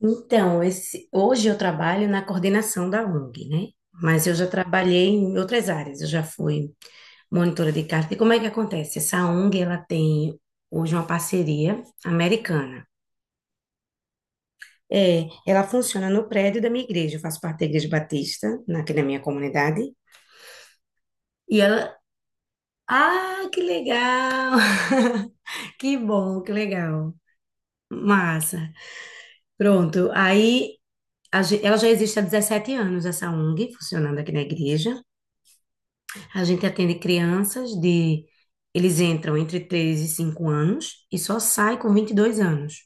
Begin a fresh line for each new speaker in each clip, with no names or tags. Então, hoje eu trabalho na coordenação da ONG, né? Mas eu já trabalhei em outras áreas, eu já fui monitora de carta. E como é que acontece? Essa ONG, ela tem hoje uma parceria americana. É, ela funciona no prédio da minha igreja, eu faço parte da Igreja Batista, aqui na minha comunidade. E ela, ah, que legal! Que bom, que legal. Massa. Pronto, aí ela já existe há 17 anos, essa ONG, funcionando aqui na igreja. A gente atende crianças de. Eles entram entre 3 e 5 anos e só saem com 22 anos.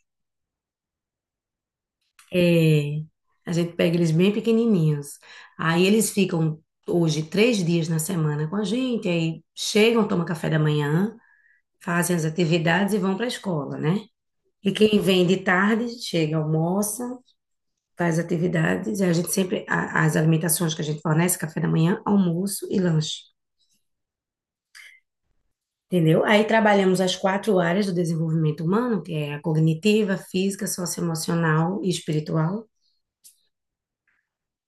É, a gente pega eles bem pequenininhos. Aí eles ficam hoje 3 dias na semana com a gente, aí chegam, tomam café da manhã, fazem as atividades e vão para a escola, né? E quem vem de tarde chega, almoça, faz atividades, e a gente sempre, as alimentações que a gente fornece, café da manhã, almoço e lanche. Entendeu? Aí trabalhamos as quatro áreas do desenvolvimento humano, que é a cognitiva, física, socioemocional e espiritual.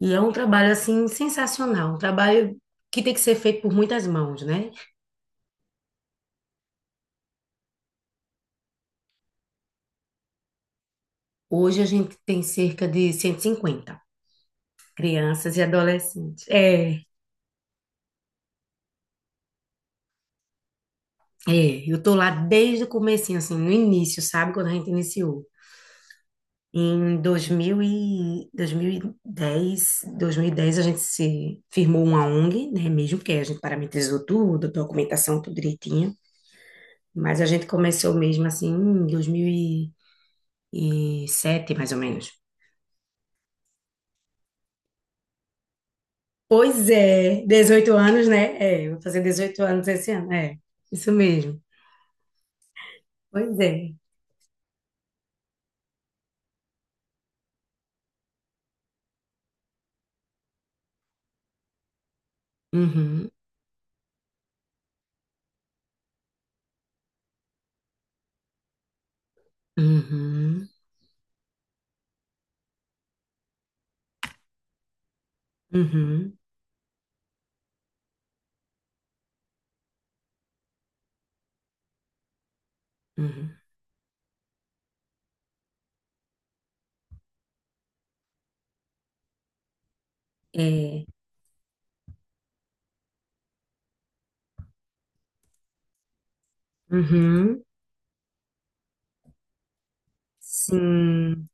E é um trabalho assim sensacional, um trabalho que tem que ser feito por muitas mãos, né? Hoje a gente tem cerca de 150 crianças e adolescentes. É, eu tô lá desde o comecinho, assim, no início, sabe? Quando a gente iniciou. Em 2010 a gente se firmou uma ONG, né, mesmo que a gente parametrizou tudo, documentação tudo direitinho, mas a gente começou mesmo assim em 2007 mais ou menos. Pois é, 18 anos, né? É, vou fazer 18 anos esse ano, é, isso mesmo. Pois é. Uhum, uhum, uhum, uhum. É, uhum, sim,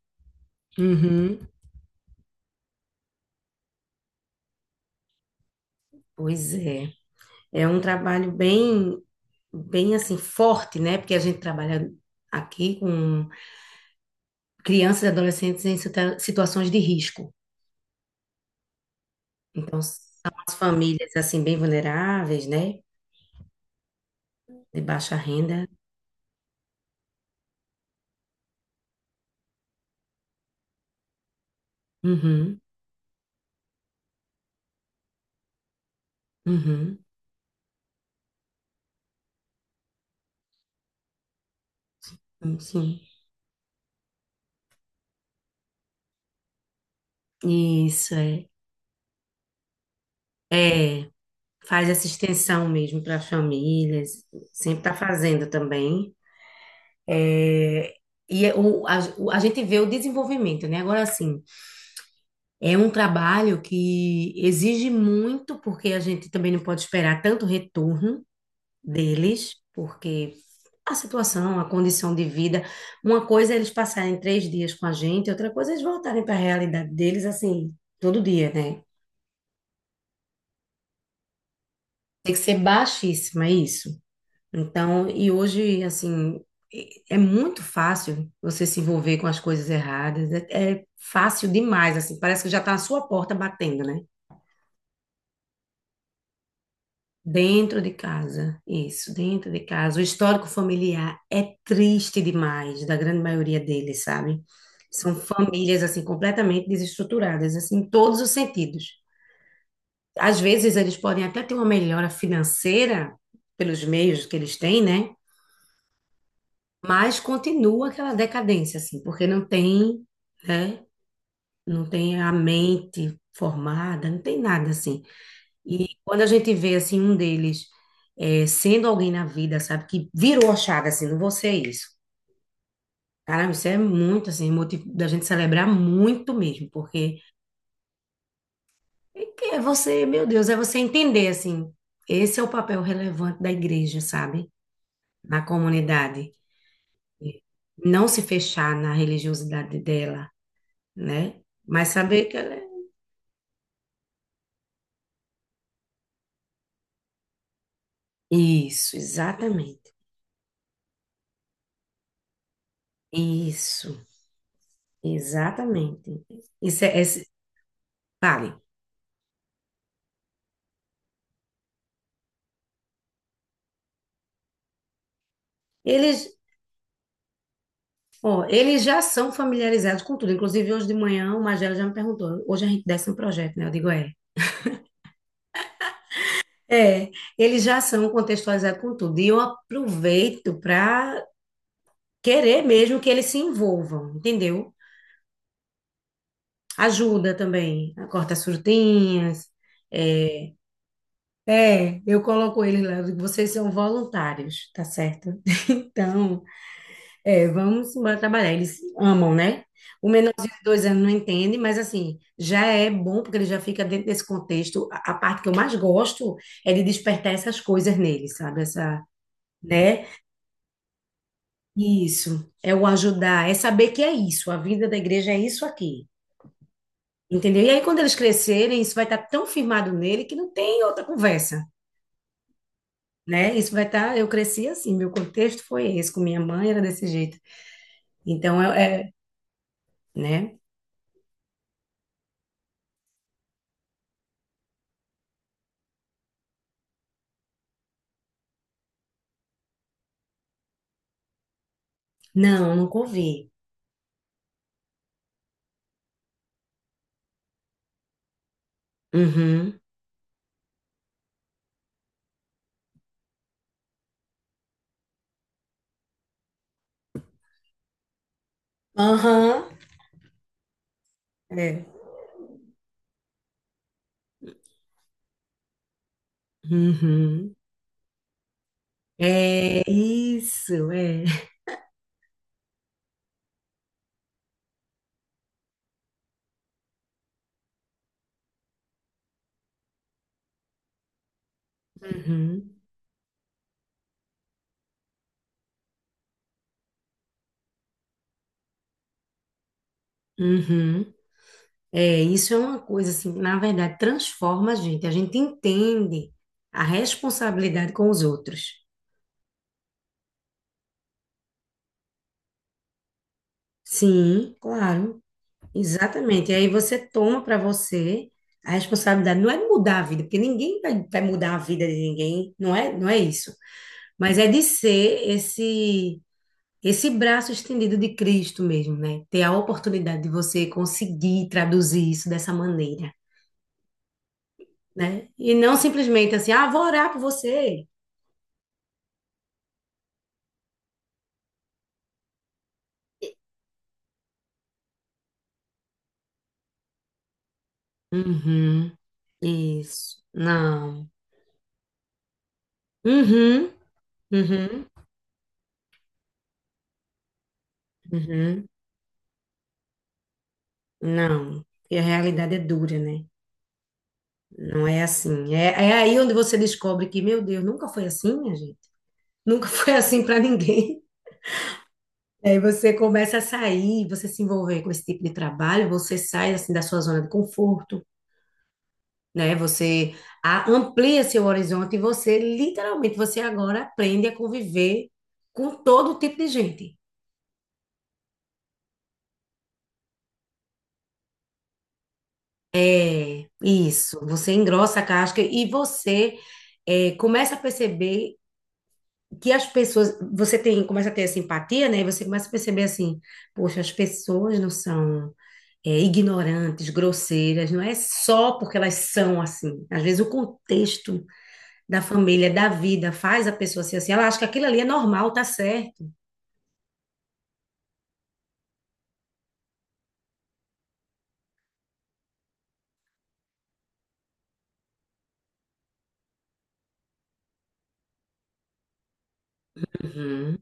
uhum, pois é. É um trabalho bem, bem assim, forte, né? Porque a gente trabalha aqui com crianças e adolescentes em situações de risco. Então, são as famílias, assim, bem vulneráveis, né? De baixa renda. Uhum, uhum, sim. Isso, é. É, faz essa extensão mesmo para as famílias. Sempre está fazendo também. É. A gente vê o desenvolvimento, né? Agora, assim, é um trabalho que exige muito, porque a gente também não pode esperar tanto retorno deles, porque a situação, a condição de vida, uma coisa é eles passarem 3 dias com a gente, outra coisa é eles voltarem para a realidade deles, assim, todo dia, né? Tem que ser baixíssima, é isso. Então, e hoje, assim, é muito fácil você se envolver com as coisas erradas, é fácil demais, assim, parece que já está à sua porta batendo, né? Dentro de casa, isso, dentro de casa. O histórico familiar é triste demais, da grande maioria deles, sabe? São famílias assim completamente desestruturadas, assim, em todos os sentidos. Às vezes eles podem até ter uma melhora financeira pelos meios que eles têm, né? Mas continua aquela decadência, assim, porque não tem, né? Não tem a mente formada, não tem nada assim. E quando a gente vê, assim, um deles é, sendo alguém na vida, sabe, que virou a chave, assim, não vou ser isso. Caramba, isso é muito, assim, motivo da gente celebrar muito mesmo, porque é que é você, meu Deus, é você entender, assim, esse é o papel relevante da igreja, sabe, na comunidade. E não se fechar na religiosidade dela, né, mas saber que ela é... Isso, exatamente. Isso, exatamente. Isso é, é, Fale. Ó, eles já são familiarizados com tudo. Inclusive, hoje de manhã, o Magela já me perguntou. Hoje a gente desce um projeto, né? Eu digo, é. É, eles já são contextualizados com tudo. E eu aproveito para querer mesmo que eles se envolvam, entendeu? Ajuda também, corta as frutinhas. É, é, eu coloco eles lá, eu digo, vocês são voluntários, tá certo? Então, é, vamos embora trabalhar. Eles amam, né? O menorzinho de 2 anos não entende, mas assim, já é bom porque ele já fica dentro desse contexto. A parte que eu mais gosto é de despertar essas coisas nele, sabe? Essa, né? Isso, é o ajudar, é saber que é isso, a vida da igreja é isso aqui, entendeu? E aí quando eles crescerem, isso vai estar tão firmado nele que não tem outra conversa, né? Isso vai estar, eu cresci assim, meu contexto foi esse, com minha mãe era desse jeito. Então, é, é, né? Não, nunca ouvi. Uhum. Aham, é. Uhum. É isso, é. Uhum. Uhum. É, isso é uma coisa assim, na verdade, transforma a gente. A gente entende a responsabilidade com os outros. Sim, claro, exatamente. E aí você toma para você a responsabilidade, não é de mudar a vida, porque ninguém vai mudar a vida de ninguém, não é, não é isso. Mas é de ser esse esse braço estendido de Cristo mesmo, né? Ter a oportunidade de você conseguir traduzir isso dessa maneira, né? E não simplesmente assim, ah, vou orar por você. Uhum, isso. Não. Uhum, uhum, uhum. Não. E a realidade é dura, né? Não é assim. É, é aí onde você descobre que, meu Deus, nunca foi assim, minha gente. Nunca foi assim para ninguém. Aí você começa a sair, você se envolver com esse tipo de trabalho, você sai assim da sua zona de conforto, né? Você amplia seu horizonte e você literalmente você agora aprende a conviver com todo tipo de gente. É isso, você engrossa a casca e você é, começa a perceber que as pessoas, você tem, começa a ter essa empatia, né? E você começa a perceber assim, poxa, as pessoas não são é, ignorantes, grosseiras, não é só porque elas são assim. Às vezes o contexto da família, da vida, faz a pessoa ser assim. Ela acha que aquilo ali é normal, tá certo. Uhum.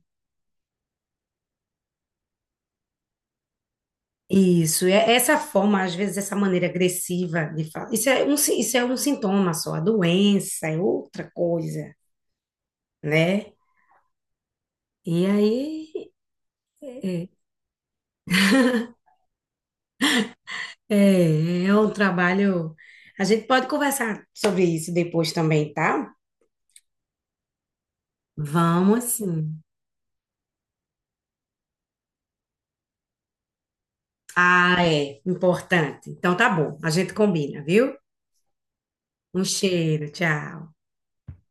Isso, e é- essa forma, às vezes, essa maneira agressiva de falar, isso é um, isso é um sintoma só, a doença é outra coisa, né? E aí, é, é, é um trabalho, a gente pode conversar sobre isso depois também, tá? Vamos sim. Ah, é, importante. Então tá bom, a gente combina, viu? Um cheiro, tchau.